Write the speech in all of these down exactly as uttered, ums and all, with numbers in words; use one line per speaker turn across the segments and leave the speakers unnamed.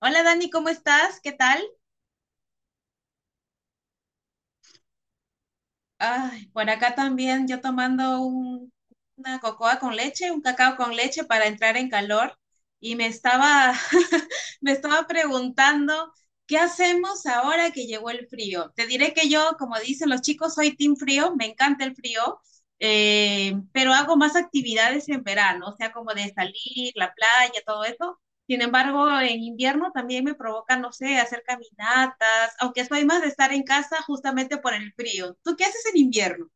Hola Dani, ¿cómo estás? ¿Qué tal? Ay, por acá también yo tomando un- una cocoa con leche, un cacao con leche para entrar en calor y me estaba, me estaba preguntando, ¿qué hacemos ahora que llegó el frío? Te diré que yo, como dicen los chicos, soy team frío, me encanta el frío, eh, pero hago más actividades en verano, o sea, como de salir, la playa, todo eso. Sin embargo, en invierno también me provoca, no sé, hacer caminatas, aunque soy más de estar en casa justamente por el frío. ¿Tú qué haces en invierno?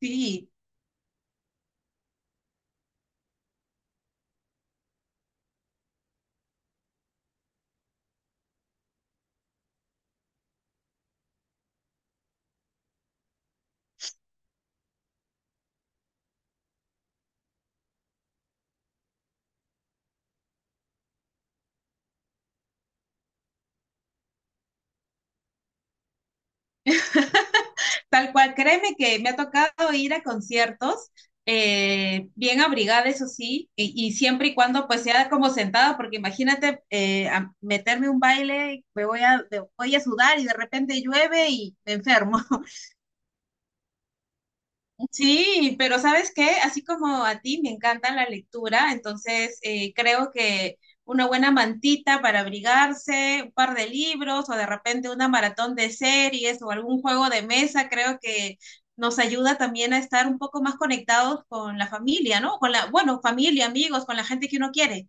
Sí, tal cual, créeme que me ha tocado ir a conciertos eh, bien abrigada, eso sí, y, y siempre y cuando pues sea como sentada, porque imagínate eh, a meterme un baile, me voy a, me voy a sudar y de repente llueve y me enfermo. Sí, pero ¿sabes qué? Así como a ti me encanta la lectura, entonces eh, creo que una buena mantita para abrigarse, un par de libros o de repente una maratón de series o algún juego de mesa, creo que nos ayuda también a estar un poco más conectados con la familia, ¿no? Con la, bueno, familia, amigos, con la gente que uno quiere.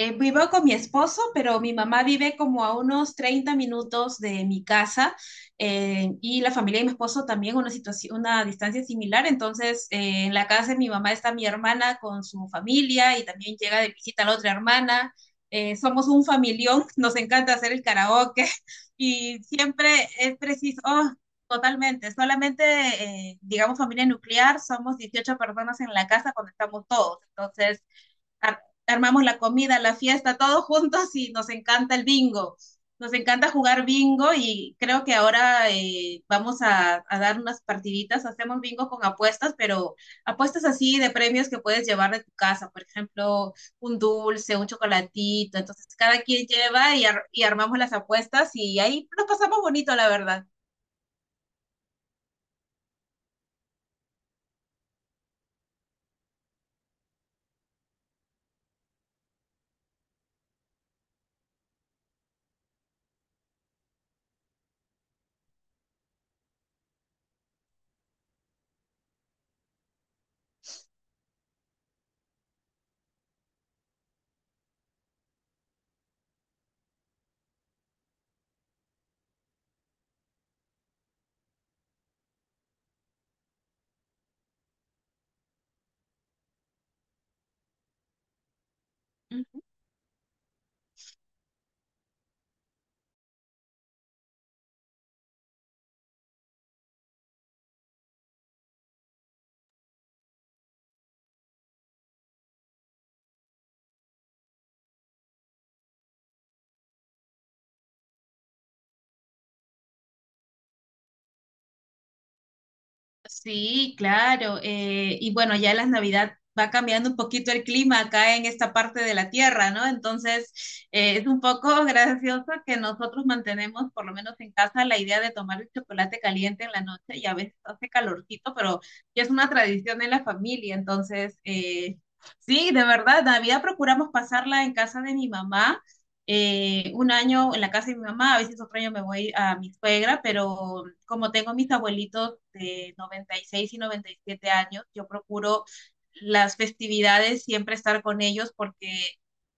Eh, vivo con mi esposo, pero mi mamá vive como a unos treinta minutos de mi casa eh, y la familia de mi esposo también una situación, una distancia similar. Entonces, eh, en la casa de mi mamá está mi hermana con su familia y también llega de visita la otra hermana. Eh, somos un familión, nos encanta hacer el karaoke y siempre es preciso, oh, totalmente, solamente, eh, digamos, familia nuclear, somos dieciocho personas en la casa cuando estamos todos. Entonces ar- armamos la comida, la fiesta, todos juntos y nos encanta el bingo. Nos encanta jugar bingo y creo que ahora eh, vamos a, a dar unas partiditas. Hacemos bingo con apuestas, pero apuestas así de premios que puedes llevar de tu casa. Por ejemplo, un dulce, un chocolatito. Entonces, cada quien lleva y, ar- y armamos las apuestas y ahí nos pasamos bonito, la verdad. Sí, claro. Eh, y bueno, ya las Navidad va cambiando un poquito el clima acá en esta parte de la Tierra, ¿no? Entonces, eh, es un poco gracioso que nosotros mantenemos, por lo menos en casa, la idea de tomar el chocolate caliente en la noche y a veces hace calorcito, pero ya es una tradición en la familia. Entonces, eh, sí, de verdad, Navidad procuramos pasarla en casa de mi mamá. Eh, un año en la casa de mi mamá, a veces otro año me voy a mi suegra, pero como tengo mis abuelitos de noventa y seis y y noventa y siete años, yo procuro las festividades siempre estar con ellos porque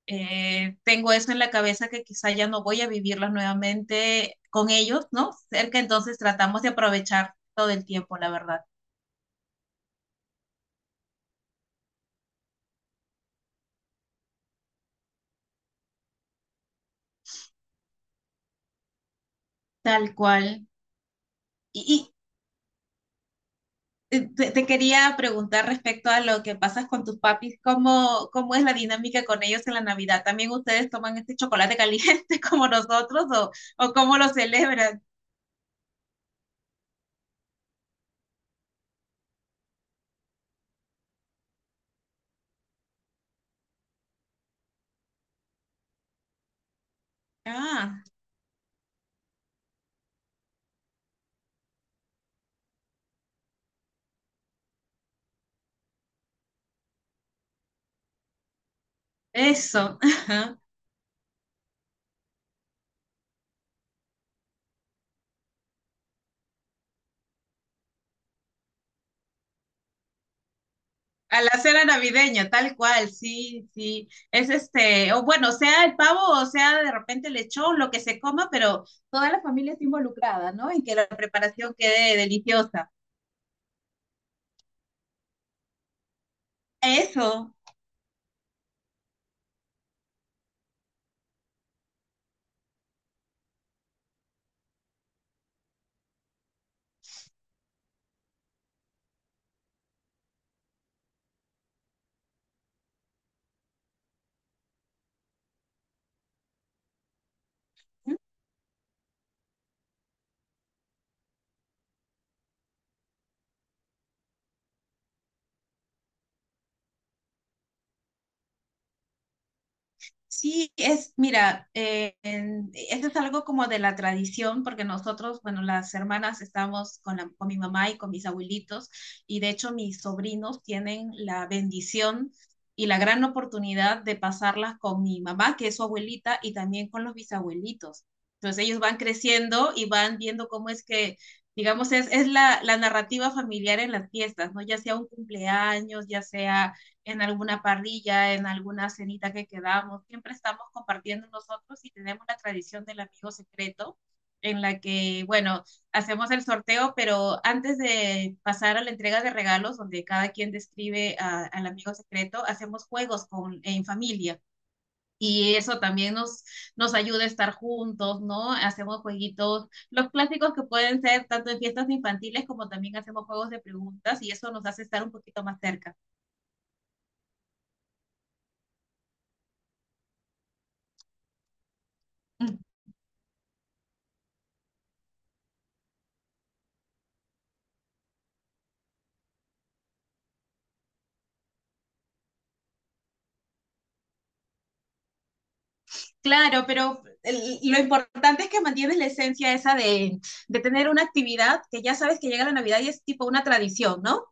eh, tengo eso en la cabeza que quizá ya no voy a vivirlas nuevamente con ellos, ¿no? Cerca, entonces tratamos de aprovechar todo el tiempo, la verdad. Tal cual. Y, eh, te, te quería preguntar respecto a lo que pasas con tus papis, ¿cómo, cómo es la dinámica con ellos en la Navidad? ¿También ustedes toman este chocolate caliente como nosotros o, o cómo lo celebran? Ah, eso. Ajá. A la cena navideña, tal cual, sí, sí. Es este, o bueno, sea el pavo o sea de repente el lechón, lo que se coma, pero toda la familia está involucrada, ¿no? En que la preparación quede deliciosa. Eso. Sí, es, mira, eh, en- eso es algo como de la tradición, porque nosotros, bueno, las hermanas estamos con, la- con mi mamá y con mis abuelitos, y de hecho mis sobrinos tienen la bendición y la gran oportunidad de pasarlas con mi mamá, que es su abuelita, y también con los bisabuelitos. Entonces ellos van creciendo y van viendo cómo es que, digamos, es, es la, la narrativa familiar en las fiestas, ¿no? Ya sea un cumpleaños, ya sea en alguna parrilla, en alguna cenita que quedamos, siempre estamos compartiendo nosotros y tenemos la tradición del amigo secreto en la que, bueno, hacemos el sorteo, pero antes de pasar a la entrega de regalos, donde cada quien describe a, al amigo secreto, hacemos juegos con, en familia. Y eso también nos, nos ayuda a estar juntos, ¿no? Hacemos jueguitos, los clásicos que pueden ser tanto en fiestas infantiles como también hacemos juegos de preguntas y eso nos hace estar un poquito más cerca. Claro, pero el- lo importante es que mantienes la esencia esa de, de tener una actividad que ya sabes que llega la Navidad y es tipo una tradición, ¿no?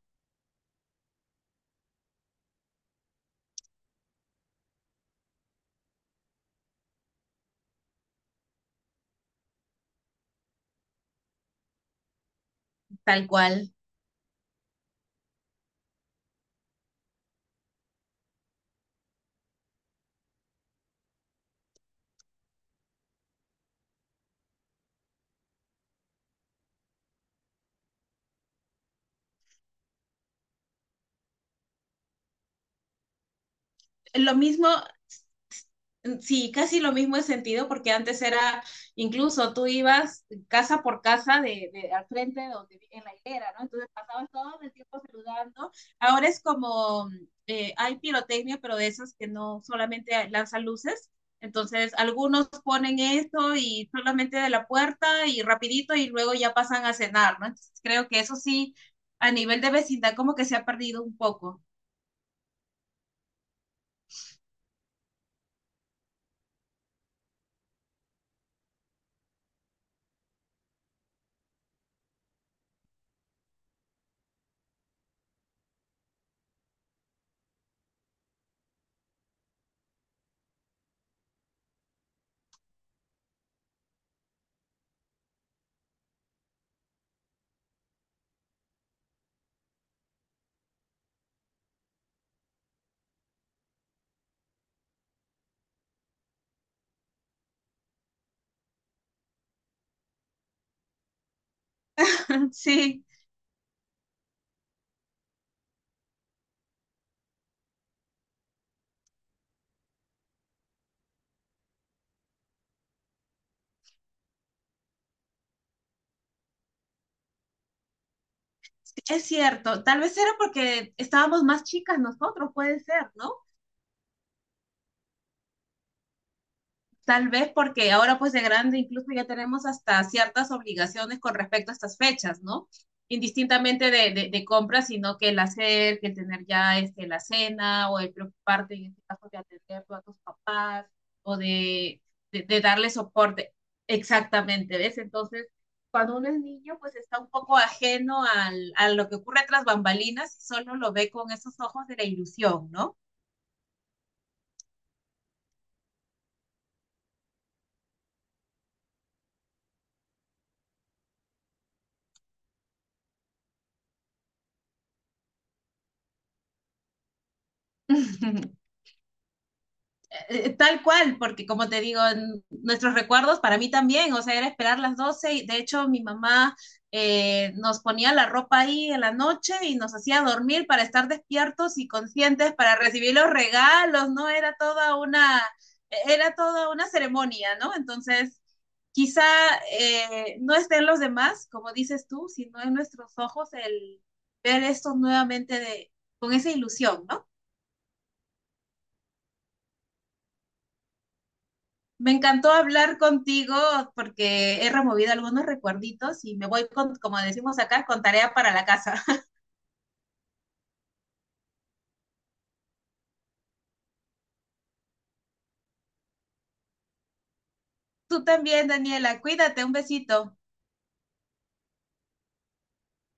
Tal cual. Lo mismo, sí, casi lo mismo en sentido, porque antes era, incluso tú ibas casa por casa de, de al frente donde, en la hilera, ¿no? Entonces pasabas todo el tiempo saludando. Ahora es como, eh, hay pirotecnia, pero de esas que no solamente lanzan luces. Entonces, algunos ponen esto y solamente de la puerta y rapidito y luego ya pasan a cenar, ¿no? Entonces, creo que eso sí, a nivel de vecindad, como que se ha perdido un poco. Sí. Es cierto, tal vez era porque estábamos más chicas nosotros, puede ser, ¿no? Tal vez porque ahora pues de grande incluso ya tenemos hasta ciertas obligaciones con respecto a estas fechas, ¿no? Indistintamente de, de, de compras, sino que el hacer, que el tener ya este, la cena o el preocuparte en este caso de atender a tus papás o de, de, de darle soporte. Exactamente, ¿ves? Entonces, cuando uno es niño, pues está un poco ajeno al, a lo que ocurre tras bambalinas y solo lo ve con esos ojos de la ilusión, ¿no? Eh, tal cual, porque como te digo, en nuestros recuerdos para mí también, o sea, era esperar las doce y de hecho mi mamá eh, nos ponía la ropa ahí en la noche y nos hacía dormir para estar despiertos y conscientes para recibir los regalos, ¿no? Era toda una, era toda una ceremonia, ¿no? Entonces, quizá eh, no estén los demás, como dices tú, sino en nuestros ojos el ver esto nuevamente de, con esa ilusión, ¿no? Me encantó hablar contigo porque he removido algunos recuerditos y me voy, con, como decimos acá, con tarea para la casa. Tú también, Daniela. Cuídate, un besito.